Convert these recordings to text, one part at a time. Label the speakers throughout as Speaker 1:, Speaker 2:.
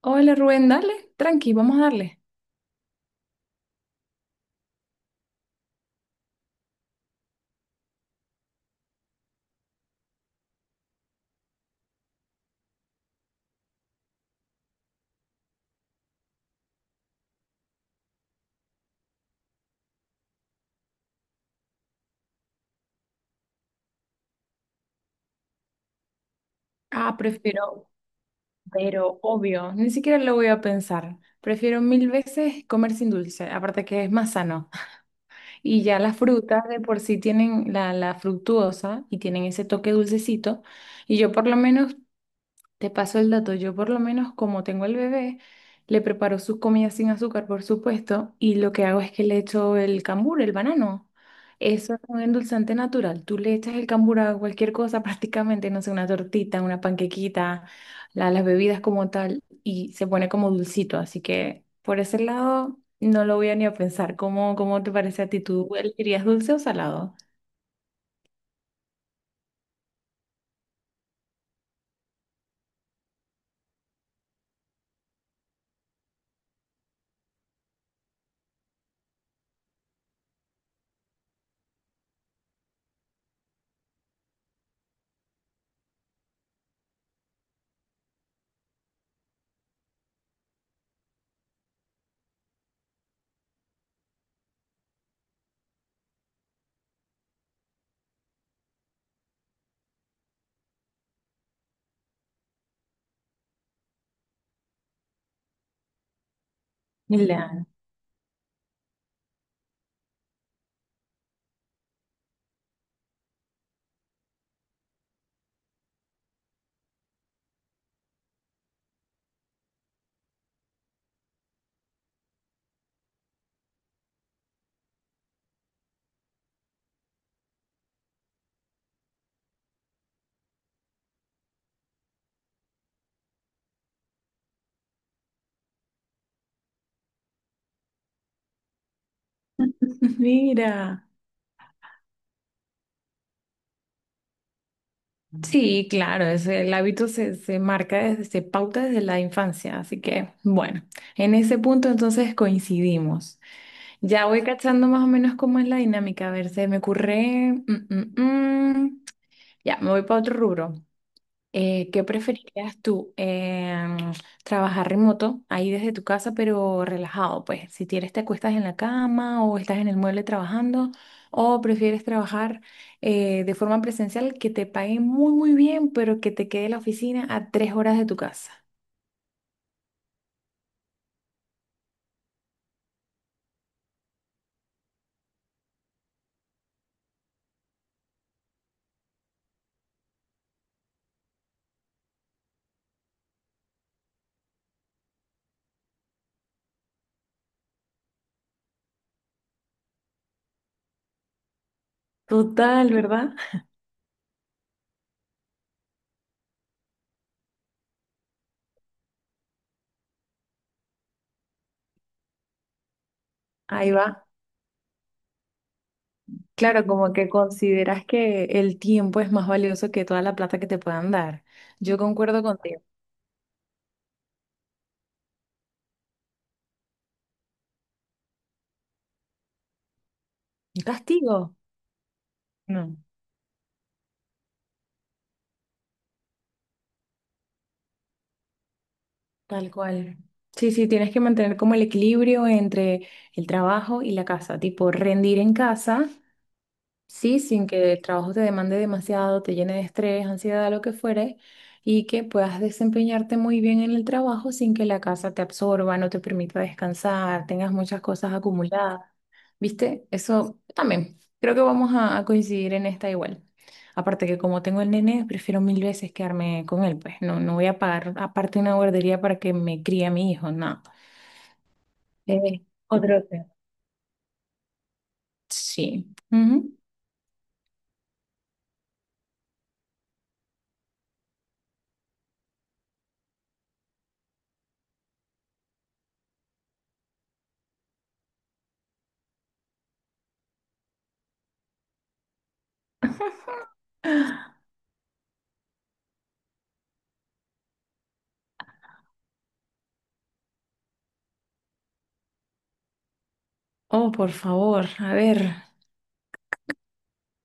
Speaker 1: Hola Rubén, dale, tranqui, vamos a darle. Ah, prefiero, pero obvio, ni siquiera lo voy a pensar. Prefiero mil veces comer sin dulce, aparte que es más sano. Y ya las frutas de por sí tienen la fructuosa y tienen ese toque dulcecito. Y yo por lo menos te paso el dato. Yo por lo menos como tengo el bebé, le preparo sus comidas sin azúcar, por supuesto, y lo que hago es que le echo el cambur, el banano. Eso es un endulzante natural. Tú le echas el cambur a cualquier cosa prácticamente, no sé, una tortita, una panquequita, las bebidas como tal, y se pone como dulcito. Así que por ese lado no lo voy a ni a pensar. ¿Cómo, cómo te parece a ti? ¿Tú elegirías dulce o salado? Claro. Mira. Sí, claro, es, el hábito se, se marca desde, se pauta desde la infancia, así que bueno, en ese punto entonces coincidimos. Ya voy cachando más o menos cómo es la dinámica, a ver, se me ocurre, Ya, me voy para otro rubro. ¿Qué preferirías tú? Trabajar remoto, ahí desde tu casa, pero relajado, pues. Si quieres, te acuestas en la cama o estás en el mueble trabajando, o prefieres trabajar de forma presencial que te paguen muy, muy bien, pero que te quede la oficina a 3 horas de tu casa. Total, ¿verdad? Ahí va. Claro, como que consideras que el tiempo es más valioso que toda la plata que te puedan dar. Yo concuerdo contigo. ¿Un castigo? No. Tal cual. Sí, sí, tienes que mantener como el equilibrio entre el trabajo y la casa, tipo rendir en casa. Sí, sin que el trabajo te demande demasiado, te llene de estrés, ansiedad, lo que fuere, y que puedas desempeñarte muy bien en el trabajo sin que la casa te absorba, no te permita descansar, tengas muchas cosas acumuladas. ¿Viste? Eso también. Creo que vamos a coincidir en esta igual. Aparte que como tengo el nene, prefiero mil veces quedarme con él, pues no, no voy a pagar aparte una guardería para que me críe a mi hijo, no. Otro tema. Sí. Ujú. Oh, por favor, a ver.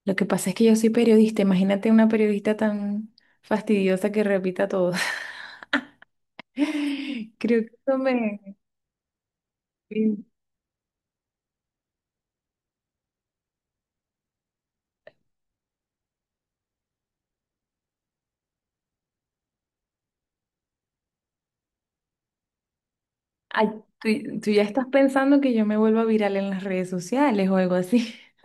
Speaker 1: Lo que pasa es que yo soy periodista. Imagínate una periodista tan fastidiosa que repita todo. Creo que eso me... Ay, tú ya estás pensando que yo me vuelva viral en las redes sociales o algo así.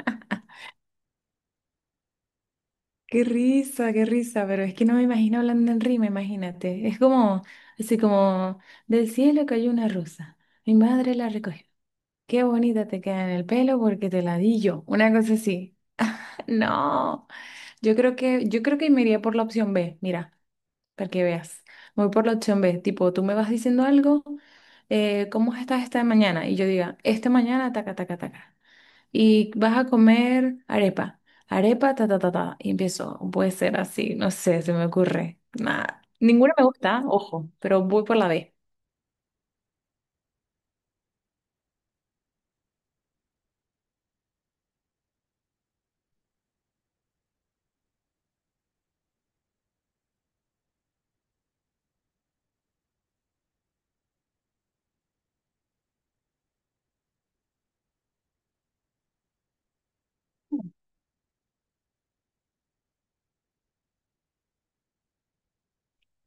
Speaker 1: Qué risa, pero es que no me imagino hablando en rima, imagínate. Es como, así como, del cielo cayó una rosa. Mi madre la recogió. Qué bonita te queda en el pelo porque te la di yo. Una cosa así. No, yo creo que me iría por la opción B, mira, para que veas. Voy por la opción B, tipo, tú me vas diciendo algo, ¿cómo estás esta mañana? Y yo diga, esta mañana, taca, taca, taca. Y vas a comer arepa, arepa, ta, ta, ta, ta. Y empiezo, puede ser así, no sé, se me ocurre. Nada, ninguna me gusta, ojo, pero voy por la B,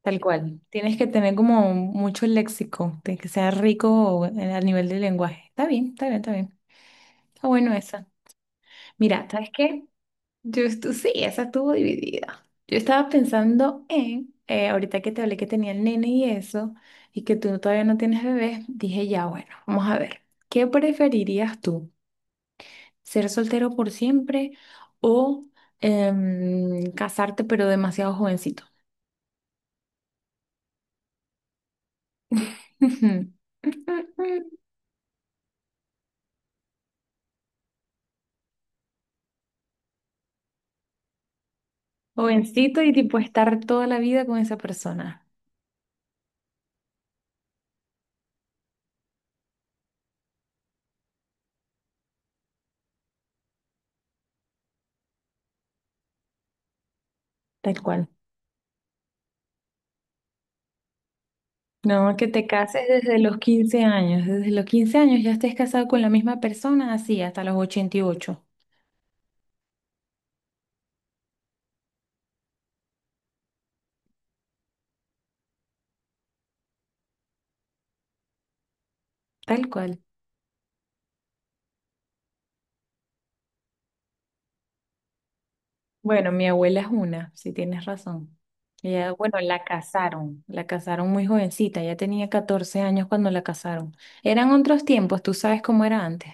Speaker 1: tal cual. Tienes que tener como mucho léxico, de que sea rico a nivel de lenguaje. Está bien, está bien, está bien. Está bueno esa. Mira, ¿sabes qué? Sí, esa estuvo dividida. Yo estaba pensando en, ahorita que te hablé que tenía el nene y eso, y que tú todavía no tienes bebé, dije ya, bueno, vamos a ver, ¿qué preferirías tú? ¿Ser soltero por siempre o casarte pero demasiado jovencito? Jovencito y tipo estar toda la vida con esa persona, tal cual. No, que te cases desde los 15 años. Desde los 15 años ya estés casado con la misma persona, así, hasta los 88. Tal cual. Bueno, mi abuela es una, si tienes razón. Ella, bueno, la casaron muy jovencita, ella tenía 14 años cuando la casaron. Eran otros tiempos, tú sabes cómo era antes.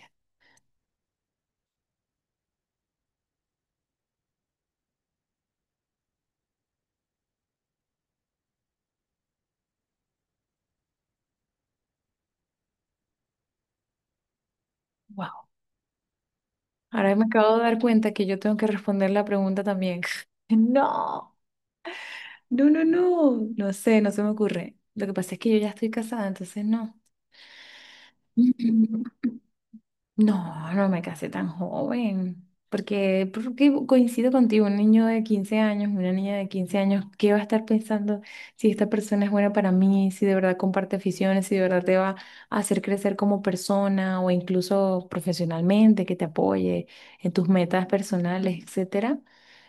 Speaker 1: Wow. Ahora me acabo de dar cuenta que yo tengo que responder la pregunta también. No, No sé, no se me ocurre. Lo que pasa es que yo ya estoy casada, entonces no. No, no me casé tan joven, porque, porque coincido contigo, un niño de 15 años, una niña de 15 años, ¿qué va a estar pensando si esta persona es buena para mí, si de verdad comparte aficiones, si de verdad te va a hacer crecer como persona o incluso profesionalmente, que te apoye en tus metas personales, etcétera?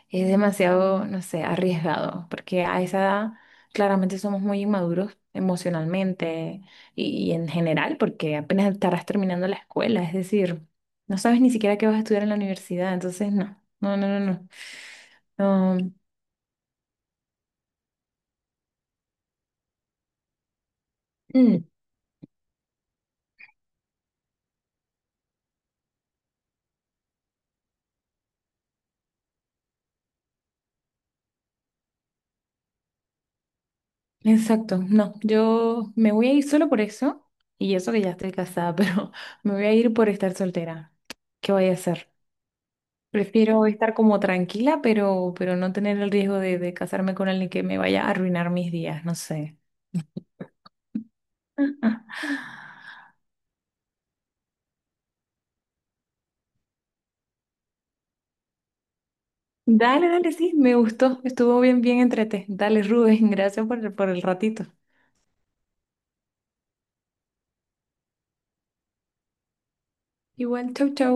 Speaker 1: Es demasiado, no sé, arriesgado, porque a esa edad claramente somos muy inmaduros emocionalmente y en general, porque apenas estarás terminando la escuela, es decir, no sabes ni siquiera qué vas a estudiar en la universidad, entonces No, mm, exacto, no, yo me voy a ir solo por eso, y eso que ya estoy casada, pero me voy a ir por estar soltera. ¿Qué voy a hacer? Prefiero estar como tranquila, pero no tener el riesgo de casarme con alguien que me vaya a arruinar mis días, no sé. Dale, dale, sí, me gustó, estuvo bien, bien entrete. Dale, Rubén, gracias por, por el ratito. Igual, chau, chau.